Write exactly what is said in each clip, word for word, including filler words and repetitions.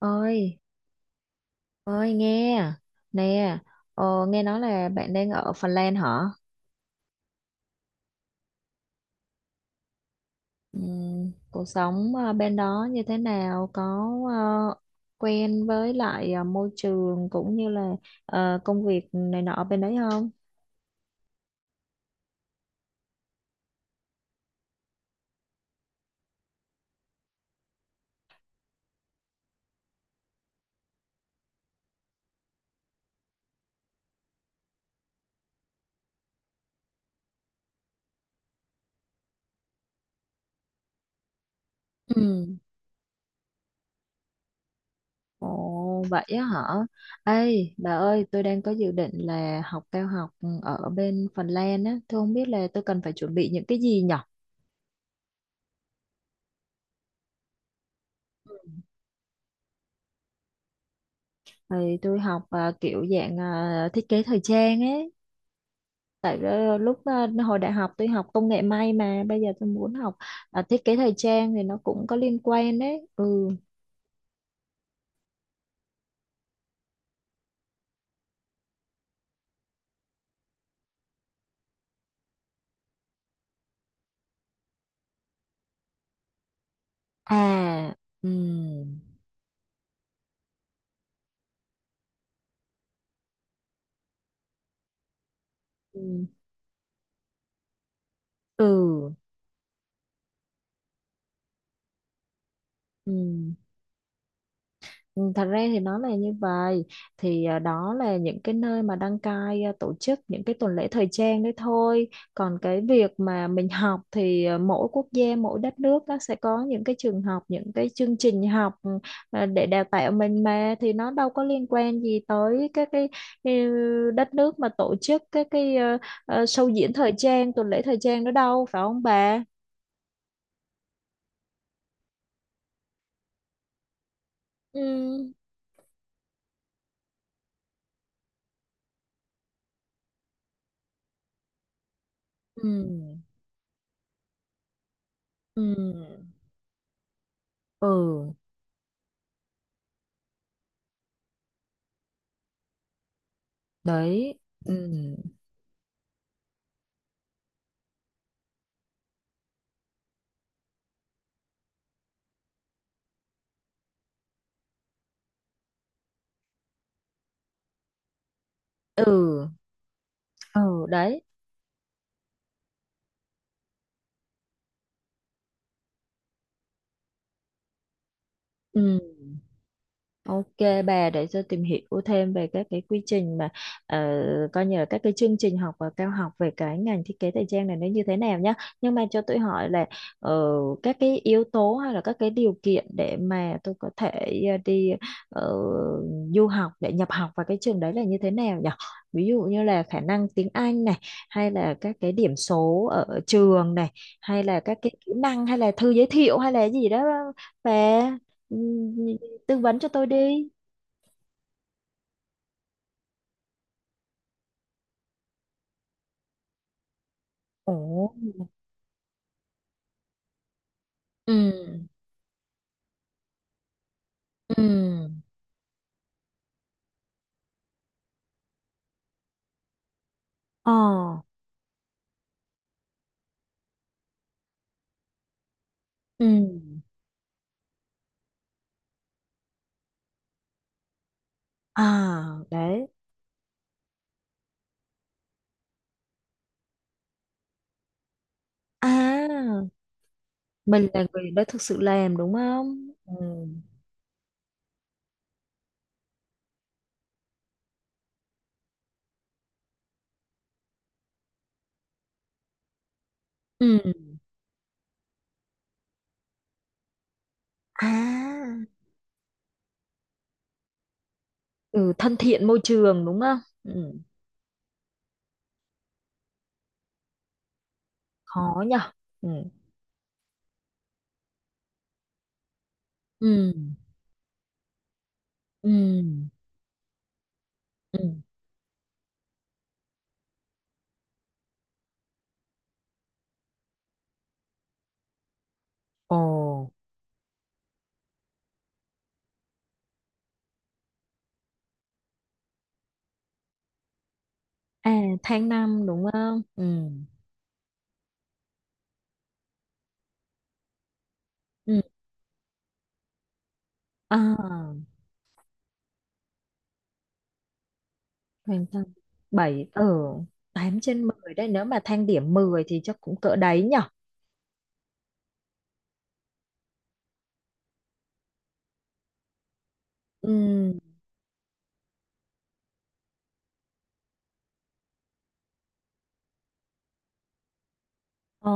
Ơi? Ơi, nghe nè. Ờ, nghe nói là bạn đang ở Phần Lan hả? Ừm, cuộc sống ờ, bên đó như thế nào, có ờ, quen với lại ờ, môi trường cũng như là ờ, công việc này nọ bên đấy không? Ừ. Ồ vậy á hả? Ê bà ơi, tôi đang có dự định là học cao học ừ, ở bên Phần Lan á. Tôi không biết là tôi cần phải chuẩn bị những cái gì nhở? Thì tôi học à, kiểu dạng à, thiết kế thời trang ấy. Tại ờ, lúc ờ, hồi đại học tôi học công nghệ may, mà bây giờ tôi muốn học ờ, thiết kế thời trang thì nó cũng có liên quan đấy. Ừ. À. Ừm. Ừ. Ừ. Ừ. Ừ, thật ra thì nó là như vậy. Thì à, đó là những cái nơi mà đăng cai à, tổ chức những cái tuần lễ thời trang đấy thôi. Còn cái việc mà mình học thì à, mỗi quốc gia mỗi đất nước nó sẽ có những cái trường học, những cái chương trình học, ừ, à, để đào tạo mình, mà thì nó đâu có liên quan gì tới các cái ừ, đất nước mà tổ chức các cái ờ, ờ, show diễn thời trang, tuần lễ thời trang đó đâu, phải không bà? Ừ. Ừ. Ừ. Ừ. Đấy. Ừ. Ừ. Ừ đấy. Ừ. Ok, bà để tôi tìm hiểu thêm về các cái quy trình mà ờ, coi như là các cái chương trình học và cao học về cái ngành thiết kế thời trang này, nó như thế nào nhá. Nhưng mà cho tôi hỏi là ờ, các cái yếu tố hay là các cái điều kiện để mà tôi có thể ờ, đi ờ, du học để nhập học vào cái trường đấy là như thế nào nhỉ? Ví dụ như là khả năng tiếng Anh này, hay là các cái điểm số ở trường này, hay là các cái kỹ năng, hay là thư giới thiệu, hay là gì đó, và tư vấn cho tôi đi. Ồ. Ừ. Ừ. Ờ. Ừ. À, đấy. À mình là người đã thực sự làm, đúng không? Ừ. Ừ. À. Ừ, thân thiện môi trường đúng không? Ừ. Khó nhở. Ừ. Ừ. Ừ. Ừ. Ồ. À, tháng năm đúng không? Ừ. Ừ. À, tháng năm. Bảy ở tám trên mười đấy, nếu mà thang điểm mười thì chắc cũng cỡ đấy nhỉ. Ừm. Ồ.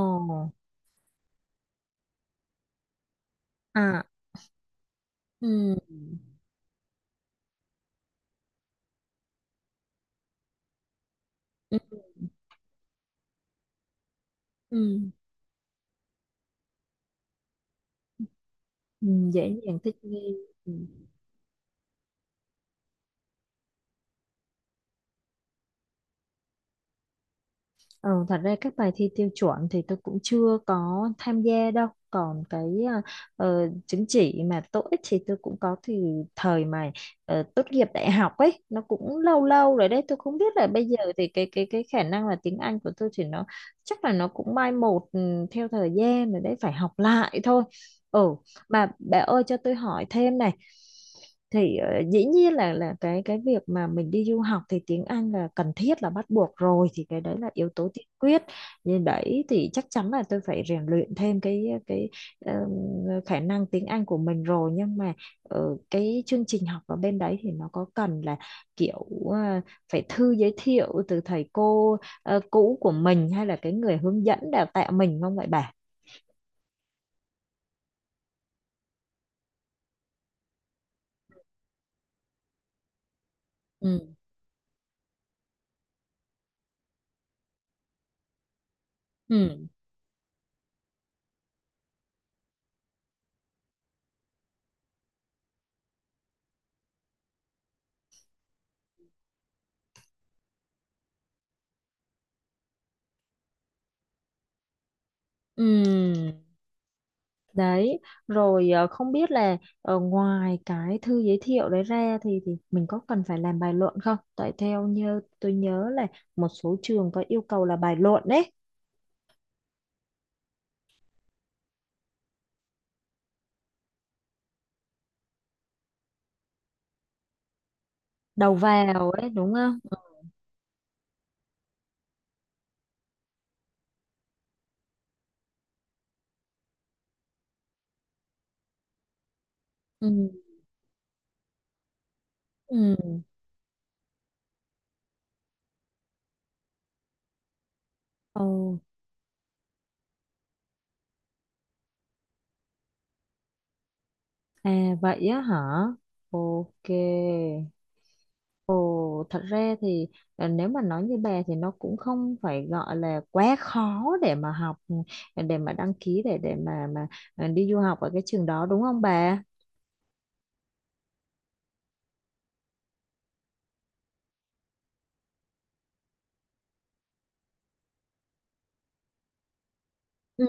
À. Ừm. Ừm. Ừm. Ừm, dễ dàng thích nghi. Ừ. Ờ, thật ra các bài thi tiêu chuẩn thì tôi cũng chưa có tham gia đâu. Còn cái à, ờ, chứng chỉ mà tô ích thì tôi cũng có, thì thời mà ờ, tốt nghiệp đại học ấy nó cũng lâu lâu rồi đấy. Tôi không biết là bây giờ thì cái cái cái khả năng là tiếng Anh của tôi thì nó chắc là nó cũng mai một ừ, theo thời gian rồi đấy, phải học lại thôi. Ừ, mà bà ơi cho tôi hỏi thêm này, thì ờ, dĩ nhiên là là cái cái việc mà mình đi du học thì tiếng Anh là cần thiết, là bắt buộc rồi, thì cái đấy là yếu tố tiên quyết. Nhưng đấy thì chắc chắn là tôi phải rèn luyện thêm cái cái ờm, khả năng tiếng Anh của mình rồi, nhưng mà ờ, cái chương trình học ở bên đấy thì nó có cần là kiểu ờ, phải thư giới thiệu từ thầy cô ờ, cũ của mình hay là cái người hướng dẫn đào tạo mình không vậy bà? Ừ. Ừ. Ừ. Đấy, rồi ờ, không biết là ờ, ngoài cái thư giới thiệu đấy ra thì thì mình có cần phải làm bài luận không? Tại theo như tôi nhớ là một số trường có yêu cầu là bài luận đấy, đầu vào ấy đúng không? Ừ. Ừ. Ồ. À vậy á hả? Ok. Ồ, thật ra thì ờ, nếu mà nói như bà thì nó cũng không phải gọi là quá khó để mà học, để mà đăng ký, để để mà mà ờ, đi du học ở cái trường đó đúng không bà? Ừ,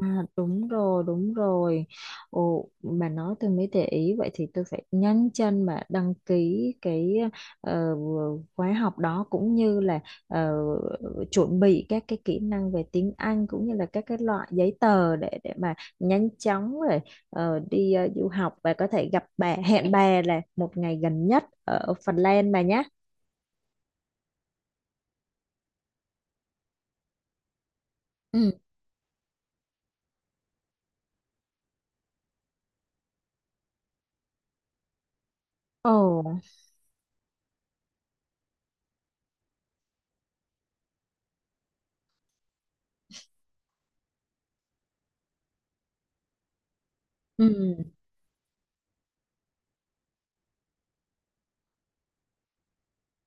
à, đúng rồi, đúng rồi. Ồ, bà nói tôi mới để ý, vậy thì tôi phải nhanh chân mà đăng ký cái ờ, khóa học đó, cũng như là ờ, chuẩn bị các cái kỹ năng về tiếng Anh cũng như là các cái loại giấy tờ để để mà nhanh chóng rồi ờ, đi ờ, du học, và có thể gặp bà, hẹn bà là một ngày gần nhất ở Phần Lan bà nhé. Ừ. Ồ. Ừ.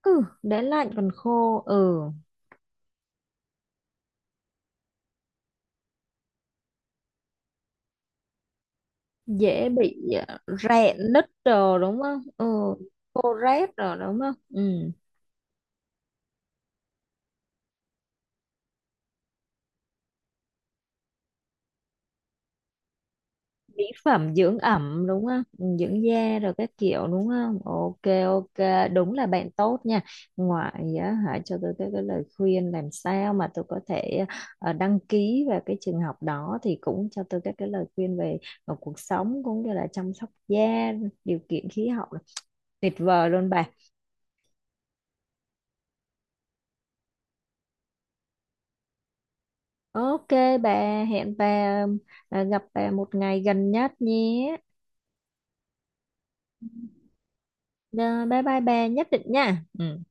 Ừ, đã lạnh còn khô, ừ. Dễ bị à, rạn nứt đồ đúng không? Ừ. Khô ráp rồi đúng không? Ừ. Mỹ phẩm dưỡng ẩm đúng không? Ừ, dưỡng da rồi các kiểu đúng không? Ok, ok, đúng là bạn tốt nha. Ngoại á, hãy cho tôi cái, cái lời khuyên làm sao mà tôi có thể ờ, đăng ký vào cái trường học đó, thì cũng cho tôi các cái lời khuyên về ờ, cuộc sống cũng như là chăm sóc da, điều kiện khí hậu. Tuyệt vời luôn bà. Ok, bà hẹn bà, à, gặp bà một ngày gần nhất nhé. Rồi, bye bye bà, nhất định nha. Ừ.